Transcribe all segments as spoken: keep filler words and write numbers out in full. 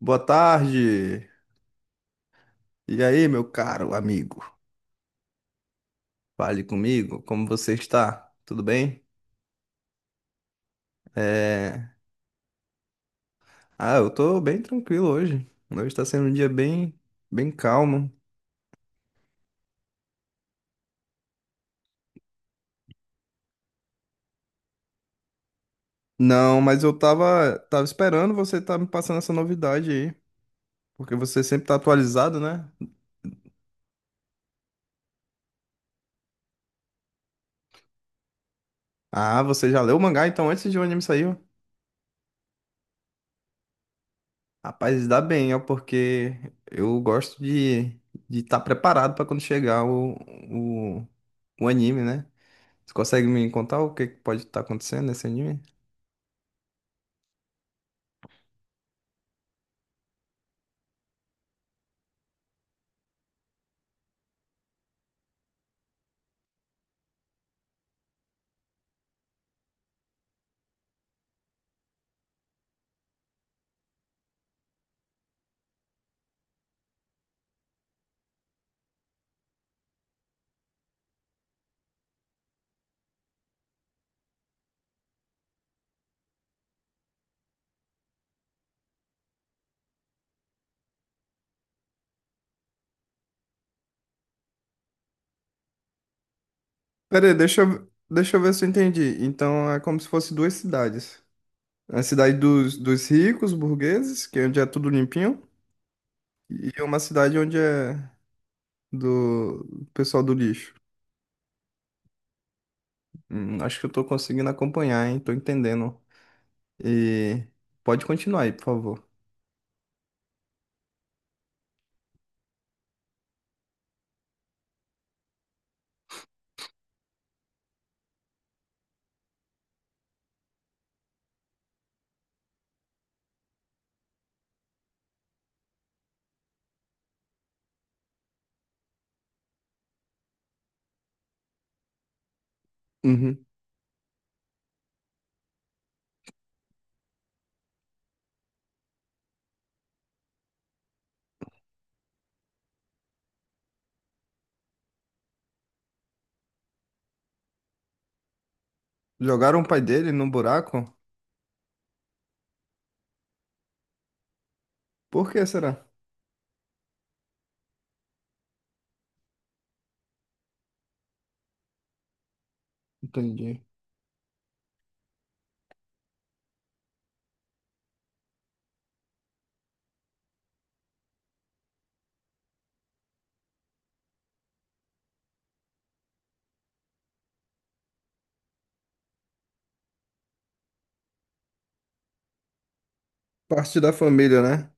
Boa tarde. E aí, meu caro amigo? Fale comigo, como você está? Tudo bem? É. Ah, eu tô bem tranquilo hoje. Hoje tá sendo um dia bem, bem calmo. Não, mas eu tava, tava esperando você estar me passando essa novidade aí, porque você sempre tá atualizado, né? Ah, você já leu o mangá então antes de o anime sair? Rapaz, dá bem, ó, porque eu gosto de de estar preparado para quando chegar o, o, o anime, né? Você consegue me contar o que que pode estar acontecendo nesse anime? Pera aí, deixa eu, deixa eu ver se eu entendi. Então é como se fosse duas cidades. É. A cidade dos, dos ricos, burgueses, que é onde é tudo limpinho, e uma cidade onde é do pessoal do lixo. Hum, acho que eu tô conseguindo acompanhar, hein? Tô entendendo. E pode continuar aí, por favor. Uhum. Jogaram o pai dele no buraco? Por que será? Entendi. Parte da família, né?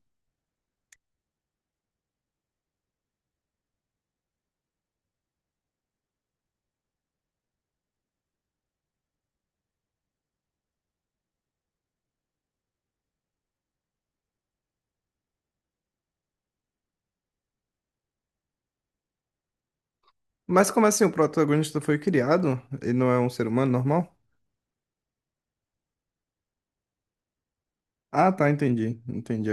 Mas como assim o protagonista foi criado? Ele não é um ser humano normal? Ah, tá, entendi. Entendi.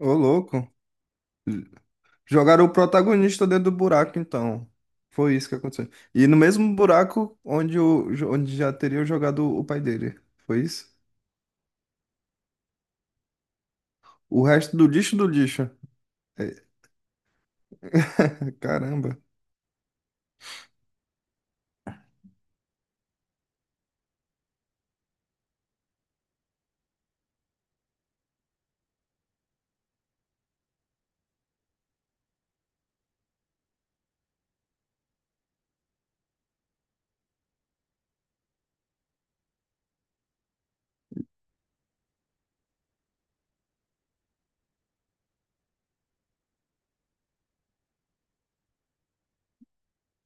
Ô, louco. Jogaram o protagonista dentro do buraco, então. Foi isso que aconteceu. E no mesmo buraco onde, o, onde já teria jogado o pai dele. Foi isso? O resto do lixo do lixo. É. Caramba.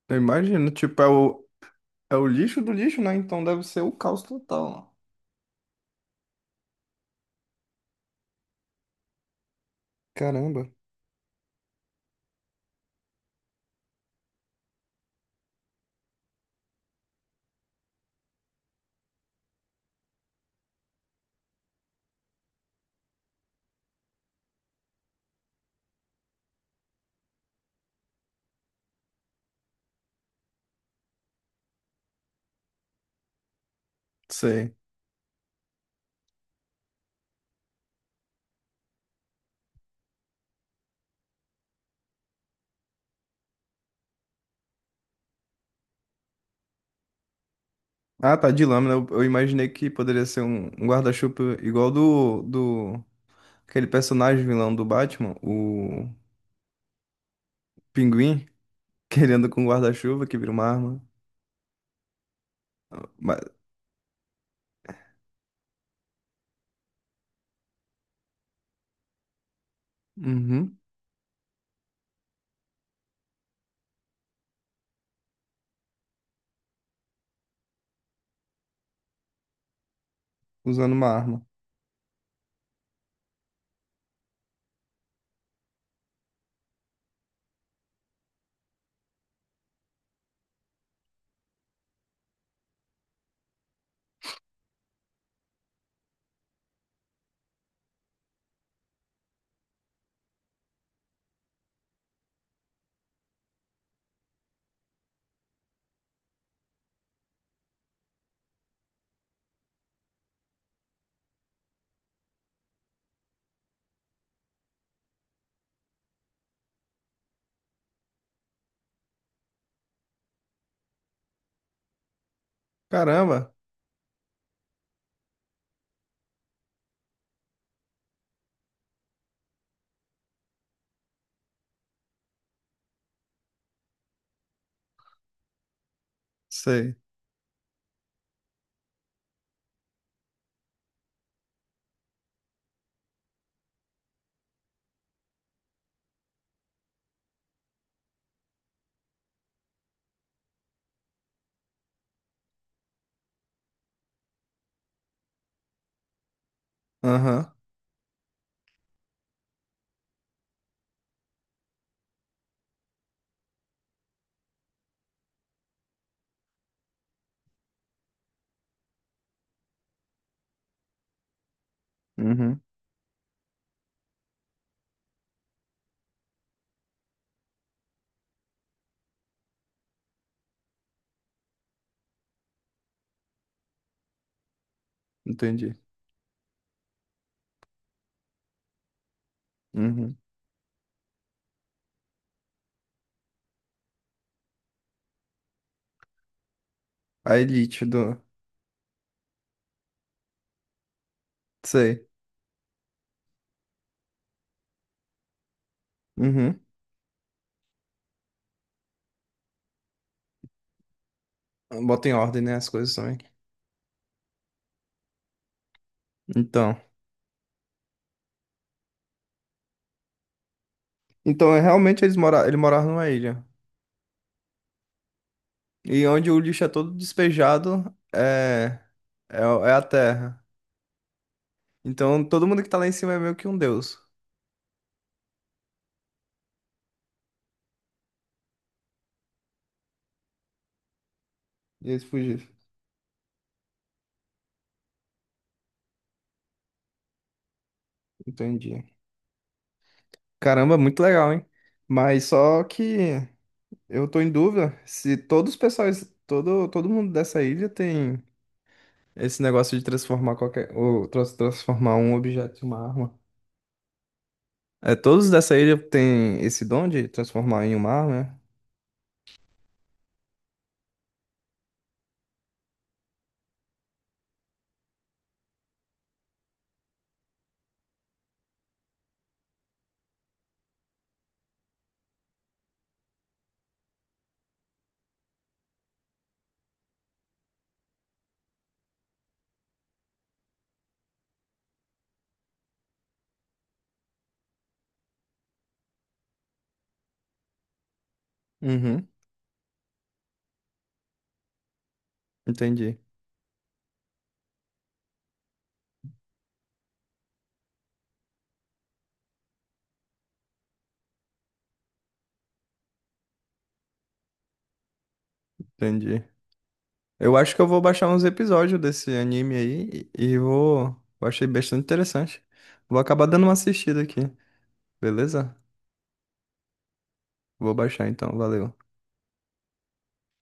Eu imagino. Tipo, é o, é o lixo do lixo, né? Então deve ser o caos total. Caramba. Sei. Ah, tá, de lâmina. Eu, eu imaginei que poderia ser um, um guarda-chuva igual do, do... Aquele personagem vilão do Batman, o Pinguim, que ele anda com um guarda-chuva que vira uma arma. Mas- Uhum, usando uma arma. Caramba, sei. Aham, uhum, entendi. Uhum. A elite do... Sei. Uhum. Bota em ordem, né, as coisas também. Então... Então, é, realmente, eles mora... ele morava numa ilha. E onde o lixo é todo despejado, é... É, é a terra. Então todo mundo que tá lá em cima é meio que um deus. E eles fugiram. Entendi. Caramba, muito legal, hein? Mas só que eu tô em dúvida se todos os pessoais, todo, todo mundo dessa ilha tem esse negócio de transformar qualquer, ou trans- transformar um objeto em uma arma. É, todos dessa ilha têm esse dom de transformar em uma arma, né? Uhum. Entendi, entendi. Eu acho que eu vou baixar uns episódios desse anime aí e e vou. Eu achei bastante interessante. Vou acabar dando uma assistida aqui. Beleza? Vou baixar então, valeu.